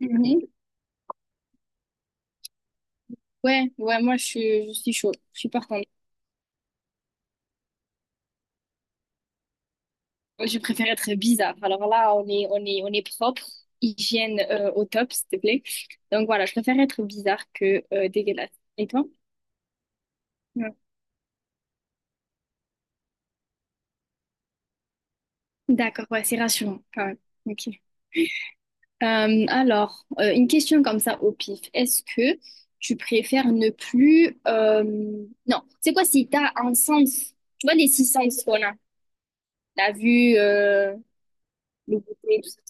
Mhm. Ouais, ouais, moi je suis chaud, je suis partante. Je préfère être bizarre. Alors là, on est propre, hygiène au top, s'il te plaît. Donc voilà, je préfère être bizarre que dégueulasse. Et toi? Ouais. D'accord, ouais, c'est rassurant quand même. Ok. Alors, une question comme ça au pif. Est-ce que tu préfères ne plus... non, c'est quoi si t'as un sens? Tu vois les six sens qu'on a? La vue, le goûter, tout ça.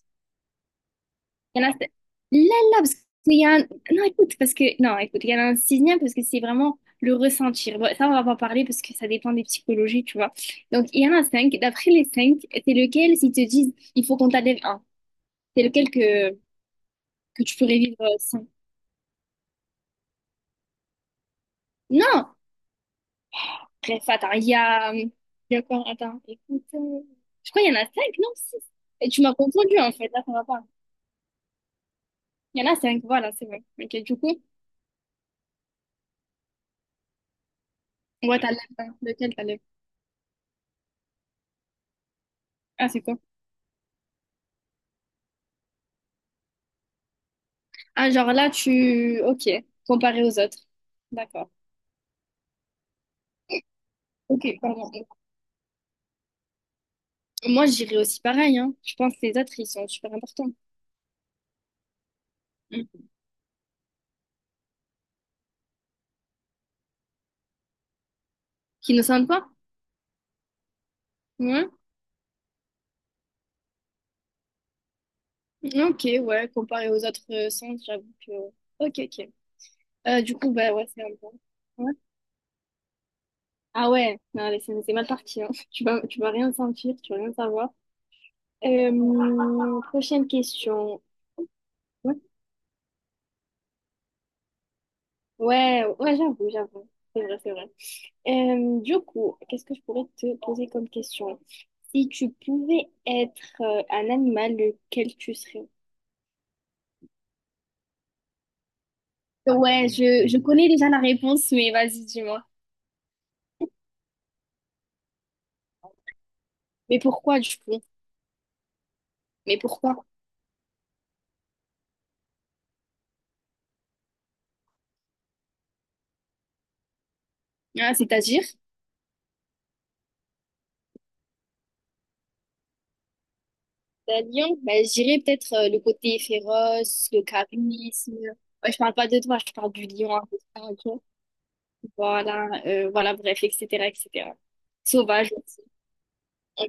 Il y en a... Là, là, parce qu'il y a un... Non, écoute, parce que... Non, écoute, il y en a un sixième parce que c'est vraiment le ressentir. Bon, ça, on va pas en parler parce que ça dépend des psychologies, tu vois. Donc, il y en a cinq. D'après les cinq, c'est lequel, s'ils te disent, il faut qu'on t'enlève un. C'est lequel que, que tu pourrais vivre sans. Non! Bref, attends, il y a... il y a quoi? Attends, écoute... je crois qu'il y en a cinq, non? Six. Et tu m'as confondu, en fait. Là, ça va pas. Il y en a cinq, voilà, c'est vrai. Ok, du coup, on va t'enlever un. Lequel t'enlèves? Ah, c'est quoi? Ah, genre là, tu... Ok, comparé aux autres. D'accord. Ok, pardon. Moi, j'irais aussi pareil, hein. Je pense que les autres, ils sont super importants. Mm. Qui ne sentent pas? Ouais. Ok, ouais, comparé aux autres sens, j'avoue que... Ok, ok. Du coup, bah ouais, c'est un bon. Ouais. Ah ouais, non, allez, c'est mal parti, hein. Tu vas rien sentir, tu vas rien savoir. Prochaine question. Ouais, ouais, ouais, j'avoue, j'avoue. C'est vrai, c'est vrai. Du coup, qu'est-ce que je pourrais te poser comme question? Si tu pouvais être un animal, lequel tu serais? Ouais, je connais déjà la réponse, mais vas-y, dis-moi. Mais pourquoi du coup? Mais pourquoi? Ah, c'est-à-dire? La lion, ben, je dirais peut-être le côté féroce, le charisme. Ouais, je parle pas de toi, je parle du lion, un peu ça, ok. Voilà, voilà, bref, etc., etc. Sauvage aussi. Ok,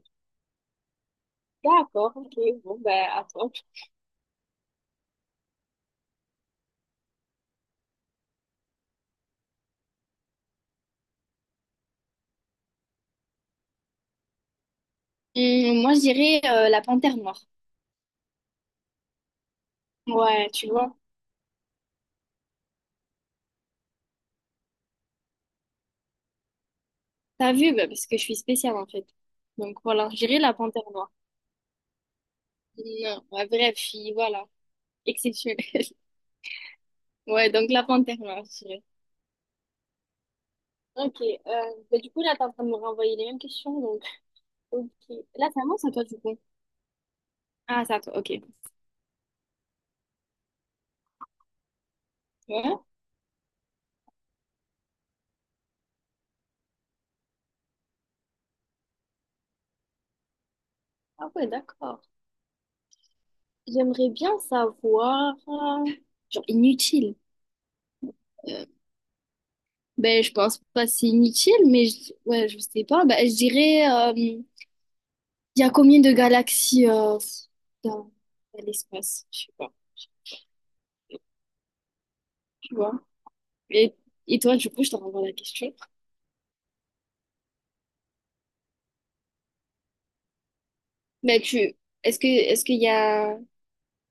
d'accord, ok, bon, ben, à toi. Moi, je dirais la panthère noire. Ouais, tu vois. T'as vu, bah, parce que je suis spéciale en fait. Donc voilà, j'irai la panthère noire. Non, ma vraie fille, voilà. Exceptionnelle. Ouais, donc la panthère noire, je dirais. Ok, bah, du coup, là, t'es en train de me renvoyer les mêmes questions, donc, ok. Là, c'est à moi, c'est à toi, du coup. Ah, c'est à toi, ok. Ouais. Ah ouais, d'accord. J'aimerais bien savoir... genre, inutile. Euh, ben, je pense pas c'est inutile, mais je... ouais, je sais pas. Ben, je dirais... il y a combien de galaxies dans dans l'espace? Je sais pas, tu vois. Et, et toi, du coup, je te renvoie la question. Mais tu, est-ce que, est-ce qu'il y a,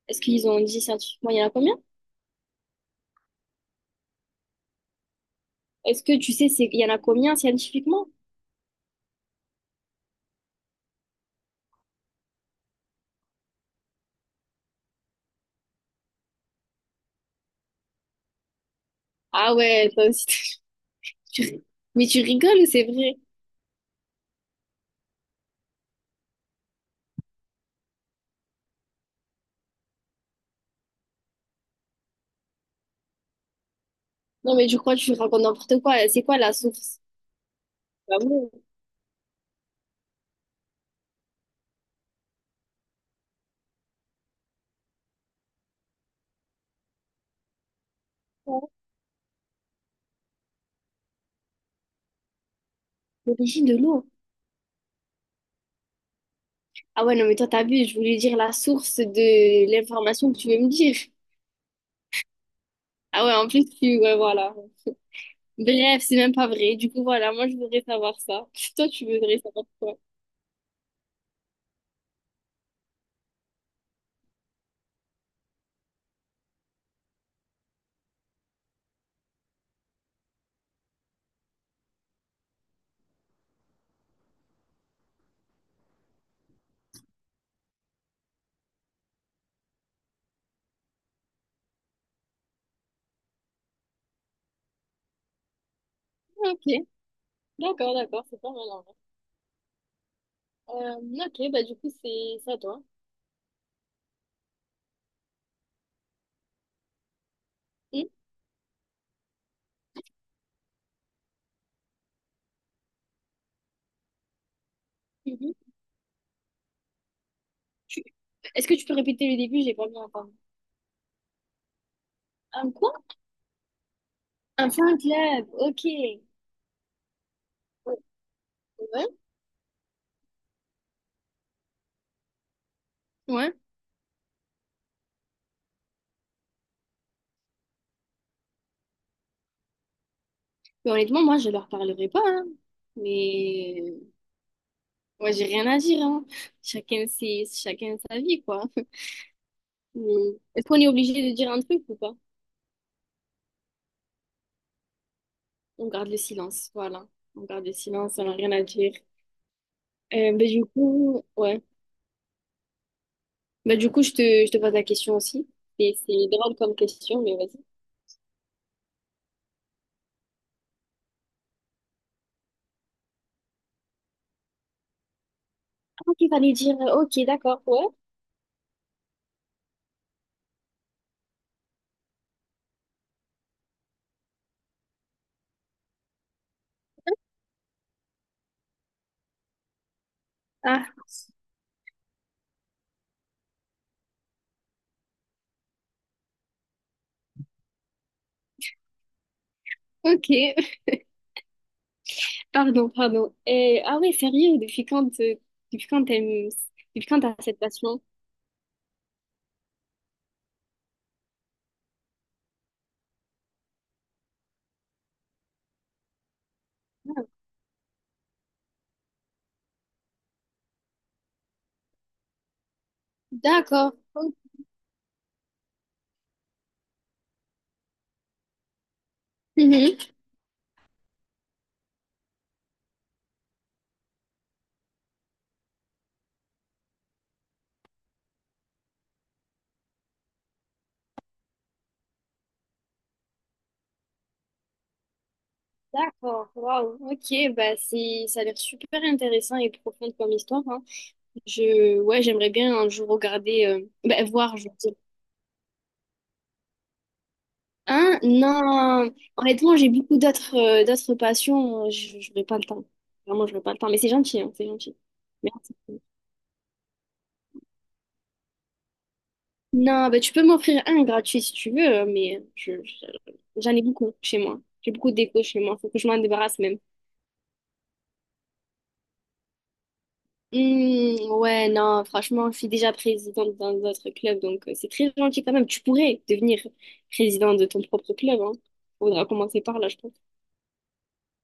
est-ce qu'ils ont dit scientifiquement, il y en a combien? Est-ce que tu sais, c'est, il y en a combien scientifiquement? Ah ouais, toi aussi, tu ri- mais tu rigoles ou c'est vrai? Non, mais je crois que tu racontes n'importe quoi. C'est quoi la source? Bah ouais, ouais. L'origine de l'eau. Ah ouais, non, mais toi, t'as vu, je voulais dire la source de l'information que tu veux me dire. Ah ouais, en plus, tu, ouais, voilà. Bref, c'est même pas vrai. Du coup, voilà, moi, je voudrais savoir ça. Toi, tu voudrais savoir quoi? Ah, ok, d'accord, d'accord, c'est pas mal en vrai. Ok, bah du coup, c'est ça, toi. Hum, mhm. Tu- est-ce que tu peux répéter le début? J'ai pas bien entendu. Un quoi? Un fan club, ok. Ouais. Ouais. Mais honnêtement, moi, je leur parlerai pas, hein. Mais moi, j'ai rien à dire, hein. Chacun ses... chacun sa vie, quoi. Mais est-ce qu'on est obligé de dire un truc ou pas? On garde le silence, voilà. On garde le silence, on n'a rien à dire. Bah, du coup, ouais. Bah, du coup, je te pose la question aussi. C'est drôle comme question, mais vas-y. Ah, ok, fallait dire, ok, d'accord, ouais. Ah, ok, pardon, pardon. Et, ah ouais, sérieux, depuis quand t'aimes, depuis quand t'as cette passion? Ah, d'accord, ok. Mhm. D'accord, waouh, ok, bah c'est, ça a l'air super intéressant et profond comme histoire, hein. Je, ouais, j'aimerais bien un jour regarder, bah, voir, je veux dire. Hein? Non. Honnêtement, j'ai beaucoup d'autres d'autres passions. Je n'aurai pas le temps. Vraiment, je n'aurai pas le temps. Mais c'est gentil, hein, c'est gentil. Merci. Non, bah, tu peux m'offrir un gratuit si tu veux, mais j'en ai beaucoup chez moi. J'ai beaucoup de déco chez moi. Faut que je m'en débarrasse même. Hmm, ouais, non, franchement, je suis déjà présidente d'un autre club, donc c'est très gentil quand même. Tu pourrais devenir président de ton propre club, hein. Faudra commencer par là, je pense.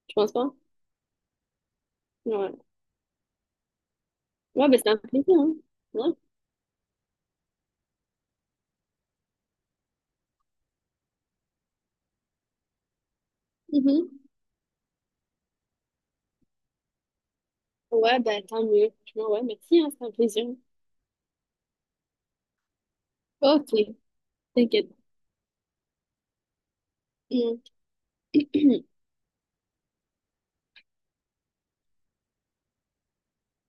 Tu penses pas? Ouais. Ouais, bah, c'est un plaisir, hein. Ouais. Ouais, bah tant mieux, tu vois, ouais, merci, hein, c'est un plaisir. Ok, t'inquiète. Mm.